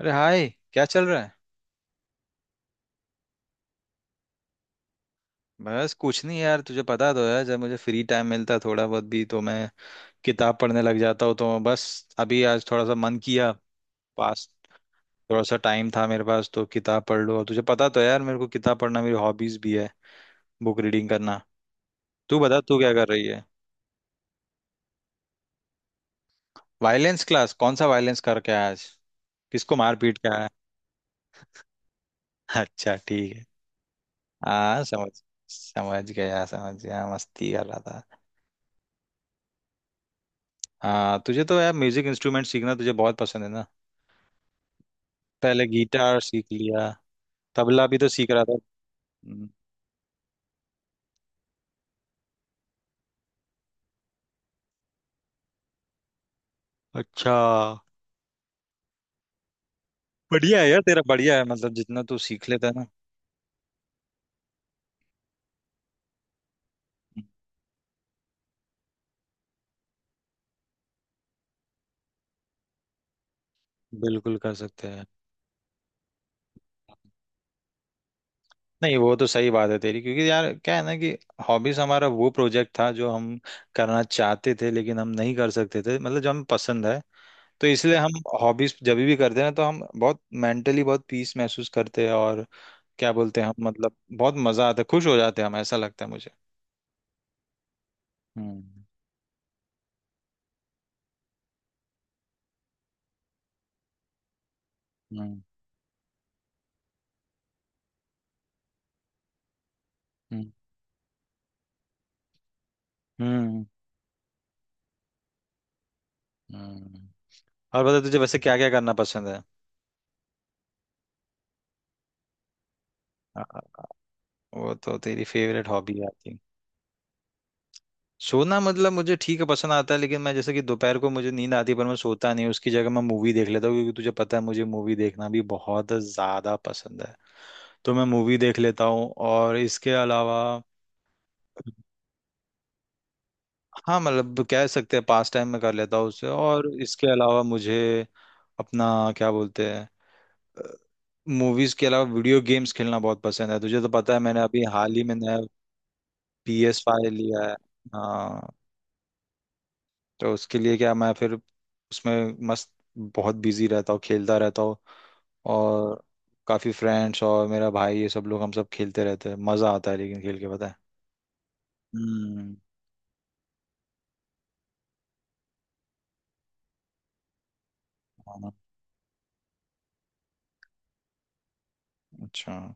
अरे हाय। क्या चल रहा है? बस कुछ नहीं यार, तुझे पता तो है जब मुझे फ्री टाइम मिलता है थोड़ा बहुत भी तो मैं किताब पढ़ने लग जाता हूँ। तो बस अभी आज थोड़ा सा मन किया। पास थोड़ा सा टाइम था मेरे पास तो किताब पढ़ लो, और तुझे पता तो है यार मेरे को किताब पढ़ना मेरी हॉबीज भी है, बुक रीडिंग करना। तू बता तू क्या कर रही है? Violin class? कौन सा वायलेंस करके आया आज? किसको मार पीट के आया? अच्छा ठीक है। हाँ समझ समझ गया, समझ गया, मस्ती कर रहा था। हाँ, तुझे तो यार म्यूजिक इंस्ट्रूमेंट सीखना तुझे बहुत पसंद है ना। पहले गिटार सीख लिया, तबला भी तो सीख रहा था। हम्म, अच्छा। बढ़िया है यार तेरा, बढ़िया है मतलब जितना तू सीख लेता है ना। हम्म, बिल्कुल कर सकते हैं। नहीं वो तो सही बात है तेरी, क्योंकि यार क्या है ना कि हॉबीज हमारा वो प्रोजेक्ट था जो हम करना चाहते थे लेकिन हम नहीं कर सकते थे, मतलब जो हमें पसंद है। तो इसलिए हम हॉबीज जब भी करते हैं ना तो हम बहुत मेंटली बहुत पीस महसूस करते हैं, और क्या बोलते हैं हम, मतलब बहुत मजा आता है, खुश हो जाते हैं हम, ऐसा लगता है मुझे। हम्म। हम्म। हम्म। हम्म। हम्म। और बता, तुझे वैसे क्या क्या करना पसंद है? आ, वो तो तेरी फेवरेट हॉबी है आई थिंक। सोना मतलब मुझे ठीक है पसंद आता है, लेकिन मैं जैसे कि दोपहर को मुझे नींद आती है पर मैं सोता नहीं, उसकी जगह मैं मूवी देख लेता हूँ, क्योंकि तुझे पता है मुझे मूवी देखना भी बहुत ज्यादा पसंद है। तो मैं मूवी देख लेता हूँ। और इसके अलावा हाँ, मतलब कह सकते हैं पास टाइम में कर लेता हूँ उससे। और इसके अलावा मुझे अपना क्या बोलते हैं, मूवीज के अलावा वीडियो गेम्स खेलना बहुत पसंद है, तुझे तो पता है मैंने अभी हाल ही में नया PS5 लिया है। हाँ। तो उसके लिए क्या मैं फिर उसमें मस्त बहुत बिजी रहता हूँ, खेलता रहता हूँ। और काफी फ्रेंड्स और मेरा भाई ये सब लोग हम सब खेलते रहते हैं, मजा आता है लेकिन खेल के पता है। हम्म। हाँ, अच्छा।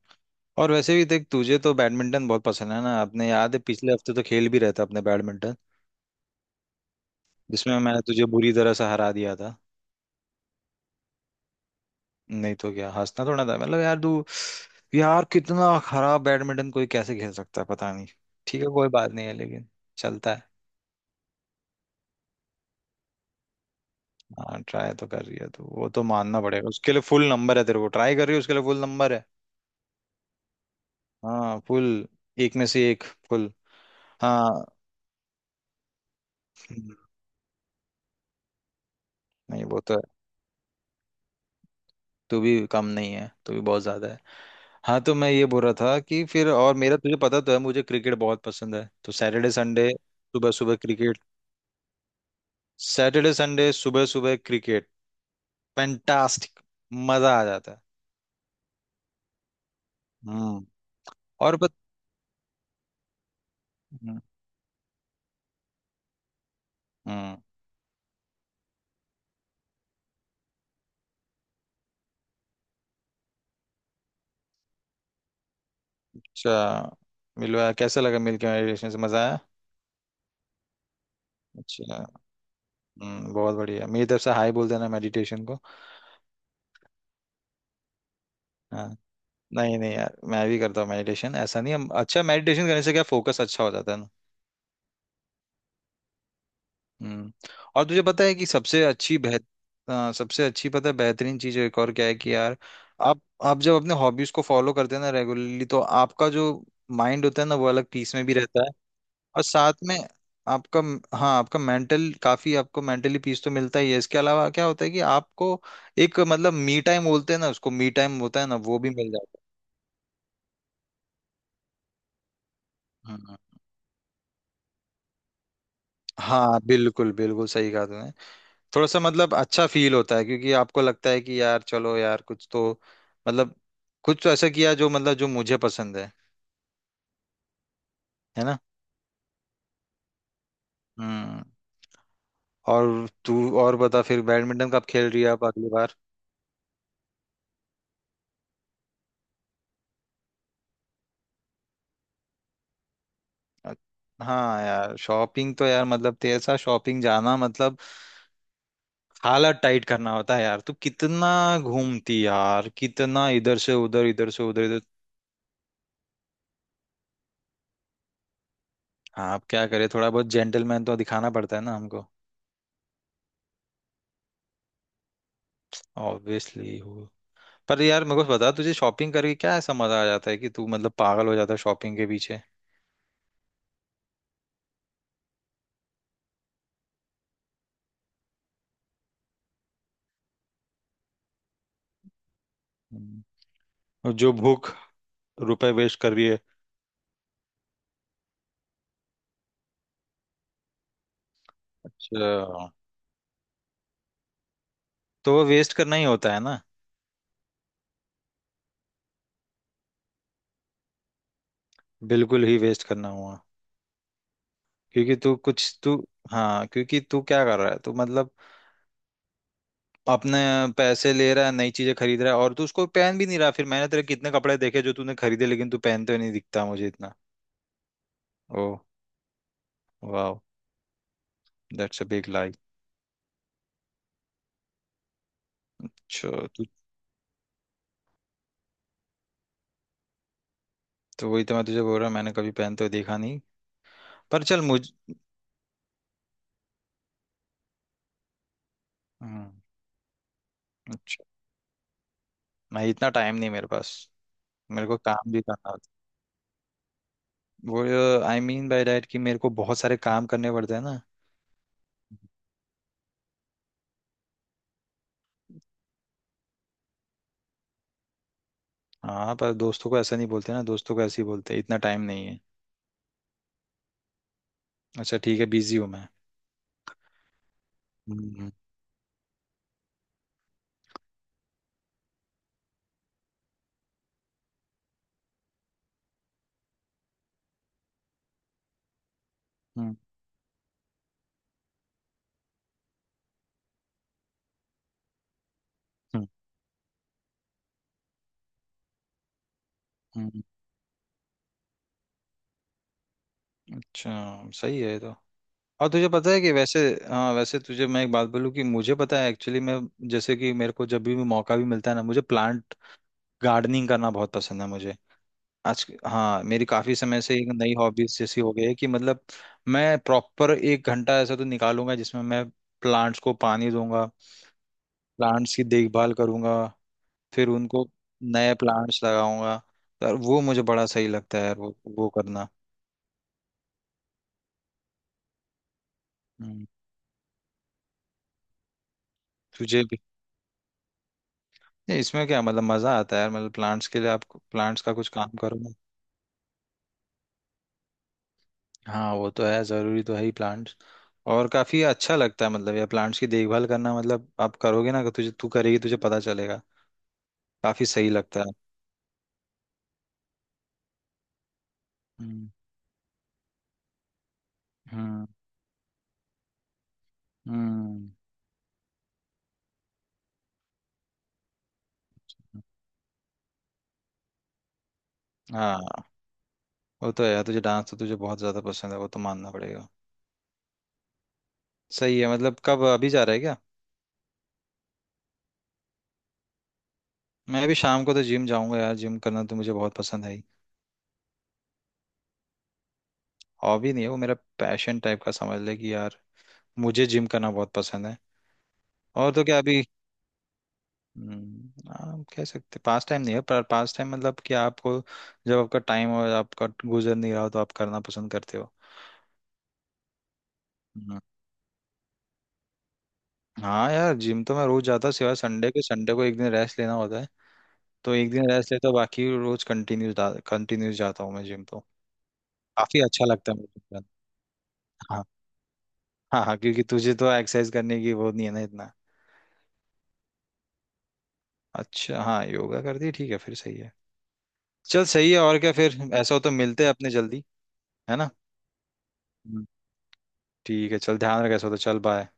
और वैसे भी देख, तुझे तो बैडमिंटन बहुत पसंद है ना, अपने याद है पिछले हफ्ते तो खेल भी रहे थे अपने बैडमिंटन, जिसमें मैं तुझे बुरी तरह से हरा दिया था। नहीं तो क्या हंसना थोड़ा था, मतलब यार तू, यार कितना खराब बैडमिंटन, कोई कैसे खेल सकता है पता नहीं। ठीक है कोई बात नहीं है, लेकिन चलता है। हाँ ट्राई तो कर रही है तो वो तो मानना पड़ेगा, उसके लिए फुल नंबर है तेरे को, ट्राई कर रही है उसके लिए फुल नंबर है। हाँ फुल, एक में से एक फुल। हाँ। नहीं वो तो है, तू भी कम नहीं है, तू भी बहुत ज्यादा है। हाँ तो मैं ये बोल रहा था कि फिर, और मेरा तुझे पता तो है मुझे क्रिकेट बहुत पसंद है, तो सुबह सुबह क्रिकेट सैटरडे संडे सुबह सुबह क्रिकेट, फैंटास्टिक, मजा आ जाता है। हम्म। और बत हम्म। हम्म, अच्छा। मिलवा कैसा लगा, मिलके मेडिटेशन से मजा आया? अच्छा। हम्म, बहुत बढ़िया, मेरी तरफ से हाई बोल देना मेडिटेशन को। हाँ। नहीं नहीं यार मैं भी करता हूँ मेडिटेशन, ऐसा नहीं हम, अच्छा मेडिटेशन करने से क्या फोकस अच्छा हो जाता है ना। हम्म और तुझे पता है कि सबसे अच्छी बेहत हाँ, सबसे अच्छी पता है बेहतरीन चीज एक और क्या है कि यार आप जब अपने हॉबीज को फॉलो करते हैं ना रेगुलरली, तो आपका जो माइंड होता है ना वो अलग पीस में भी रहता है। और साथ में आपका, हाँ आपका मेंटल, काफी आपको मेंटली पीस तो मिलता ही है, इसके अलावा क्या होता है कि आपको एक मतलब मी टाइम बोलते हैं ना उसको, मी टाइम होता है ना वो भी मिल जाता है। हाँ बिल्कुल बिल्कुल सही कहा तुमने। थोड़ा सा मतलब अच्छा फील होता है, क्योंकि आपको लगता है कि यार चलो यार कुछ तो मतलब कुछ तो ऐसा किया जो मतलब जो मुझे पसंद है ना। हम्म और तू और बता, फिर बैडमिंटन कब खेल रही है आप अगली बार? अ- हाँ यार शॉपिंग तो यार, मतलब तेरे साथ शॉपिंग जाना मतलब हालत टाइट करना होता है यार, तू कितना घूमती यार, कितना इधर से उधर, इधर से उधर, इधर हाँ अब क्या करे, थोड़ा बहुत जेंटलमैन तो दिखाना पड़ता है ना हमको। ऑब्वियसली हो। पर यार मेरे को बता, तुझे शॉपिंग करके क्या ऐसा मजा आ जाता है कि तू मतलब पागल हो जाता है शॉपिंग के पीछे? हम्म। और जो भूख, रुपए वेस्ट कर रही है। अच्छा। तो वो वेस्ट करना ही होता है ना। बिल्कुल ही वेस्ट करना हुआ, क्योंकि तू कुछ तू हाँ क्योंकि तू क्या कर रहा है, तू मतलब अपने पैसे ले रहा है, नई चीजें खरीद रहा है, और तू उसको पहन भी नहीं रहा। फिर मैंने तेरे कितने कपड़े देखे जो तूने खरीदे लेकिन तू पहनते हुए नहीं दिखता मुझे इतना। Oh. Wow. That's a big lie. अच्छा तू तो वही तो मैं तुझे बोल रहा हूँ, मैंने कभी पहनते हुए देखा नहीं। पर चल मुझ हम्म, अच्छा। मैं इतना टाइम नहीं मेरे पास, मेरे को काम भी करना होता है। वो आई मीन बाय डैट कि मेरे को बहुत सारे काम करने पड़ते हैं ना। हाँ पर दोस्तों को ऐसा नहीं बोलते ना, दोस्तों को ऐसे ही बोलते हैं इतना टाइम नहीं है। अच्छा ठीक है, बिजी हूँ मैं। हम्म। हम्म। हम्म। हम्म। हम्म। अच्छा। सही है ये तो। और तुझे पता है कि वैसे हाँ, वैसे तुझे मैं एक बात बोलूँ कि मुझे पता है एक्चुअली मैं, जैसे कि मेरे को जब भी मौका भी मिलता है ना मुझे प्लांट गार्डनिंग करना बहुत पसंद है मुझे, आज हाँ मेरी काफी समय से एक नई हॉबीज जैसी हो गई है कि मतलब मैं प्रॉपर 1 घंटा ऐसा तो निकालूंगा जिसमें मैं प्लांट्स को पानी दूंगा, प्लांट्स की देखभाल करूंगा, फिर उनको नए प्लांट्स लगाऊंगा। तो यार वो मुझे बड़ा सही लगता है यार, वो करना। हम्म, तुझे नहीं इसमें क्या, मतलब मजा आता है यार मतलब प्लांट्स के लिए आप प्लांट्स का कुछ काम करो ना। हाँ वो तो है, जरूरी तो है ही प्लांट्स। और काफी अच्छा लगता है, मतलब ये प्लांट्स की देखभाल करना, मतलब आप करोगे ना, तुझे तू करेगी तुझे पता चलेगा, काफी सही लगता है। हम्म। हम्म। हम्म हाँ वो तो है यार, तुझे डांस तो तुझे बहुत ज्यादा पसंद है वो तो मानना पड़ेगा। सही है। मतलब कब, अभी जा रहा है क्या? मैं भी शाम को तो जिम जाऊंगा यार, जिम करना तो मुझे बहुत पसंद है ही, हॉबी नहीं है वो, मेरा पैशन टाइप का समझ ले कि यार मुझे जिम करना बहुत पसंद है। और तो क्या अभी, आप कह सकते पास टाइम नहीं है पर पास टाइम मतलब कि आपको जब आपका टाइम और आपका गुजर नहीं रहा हो तो आप करना पसंद करते हो। हम्म, हाँ यार जिम तो मैं रोज जाता हूँ सिवाय संडे के, संडे को एक दिन रेस्ट लेना होता है तो एक दिन रेस्ट लेता हूँ, बाकी रोज कंटिन्यूस कंटिन्यूस जाता हूँ मैं जिम तो। काफी अच्छा लगता है मुझे gym जाना। हाँ। हाँ हाँ, क्योंकि तुझे तो एक्सरसाइज करने की वो नहीं है ना इतना। अच्छा, हाँ योगा कर दी ठीक है फिर, सही है। चल सही है, और क्या, फिर ऐसा हो तो मिलते हैं अपने जल्दी, है ना। ठीक है चल, ध्यान रख ऐसा तो, चल बाय।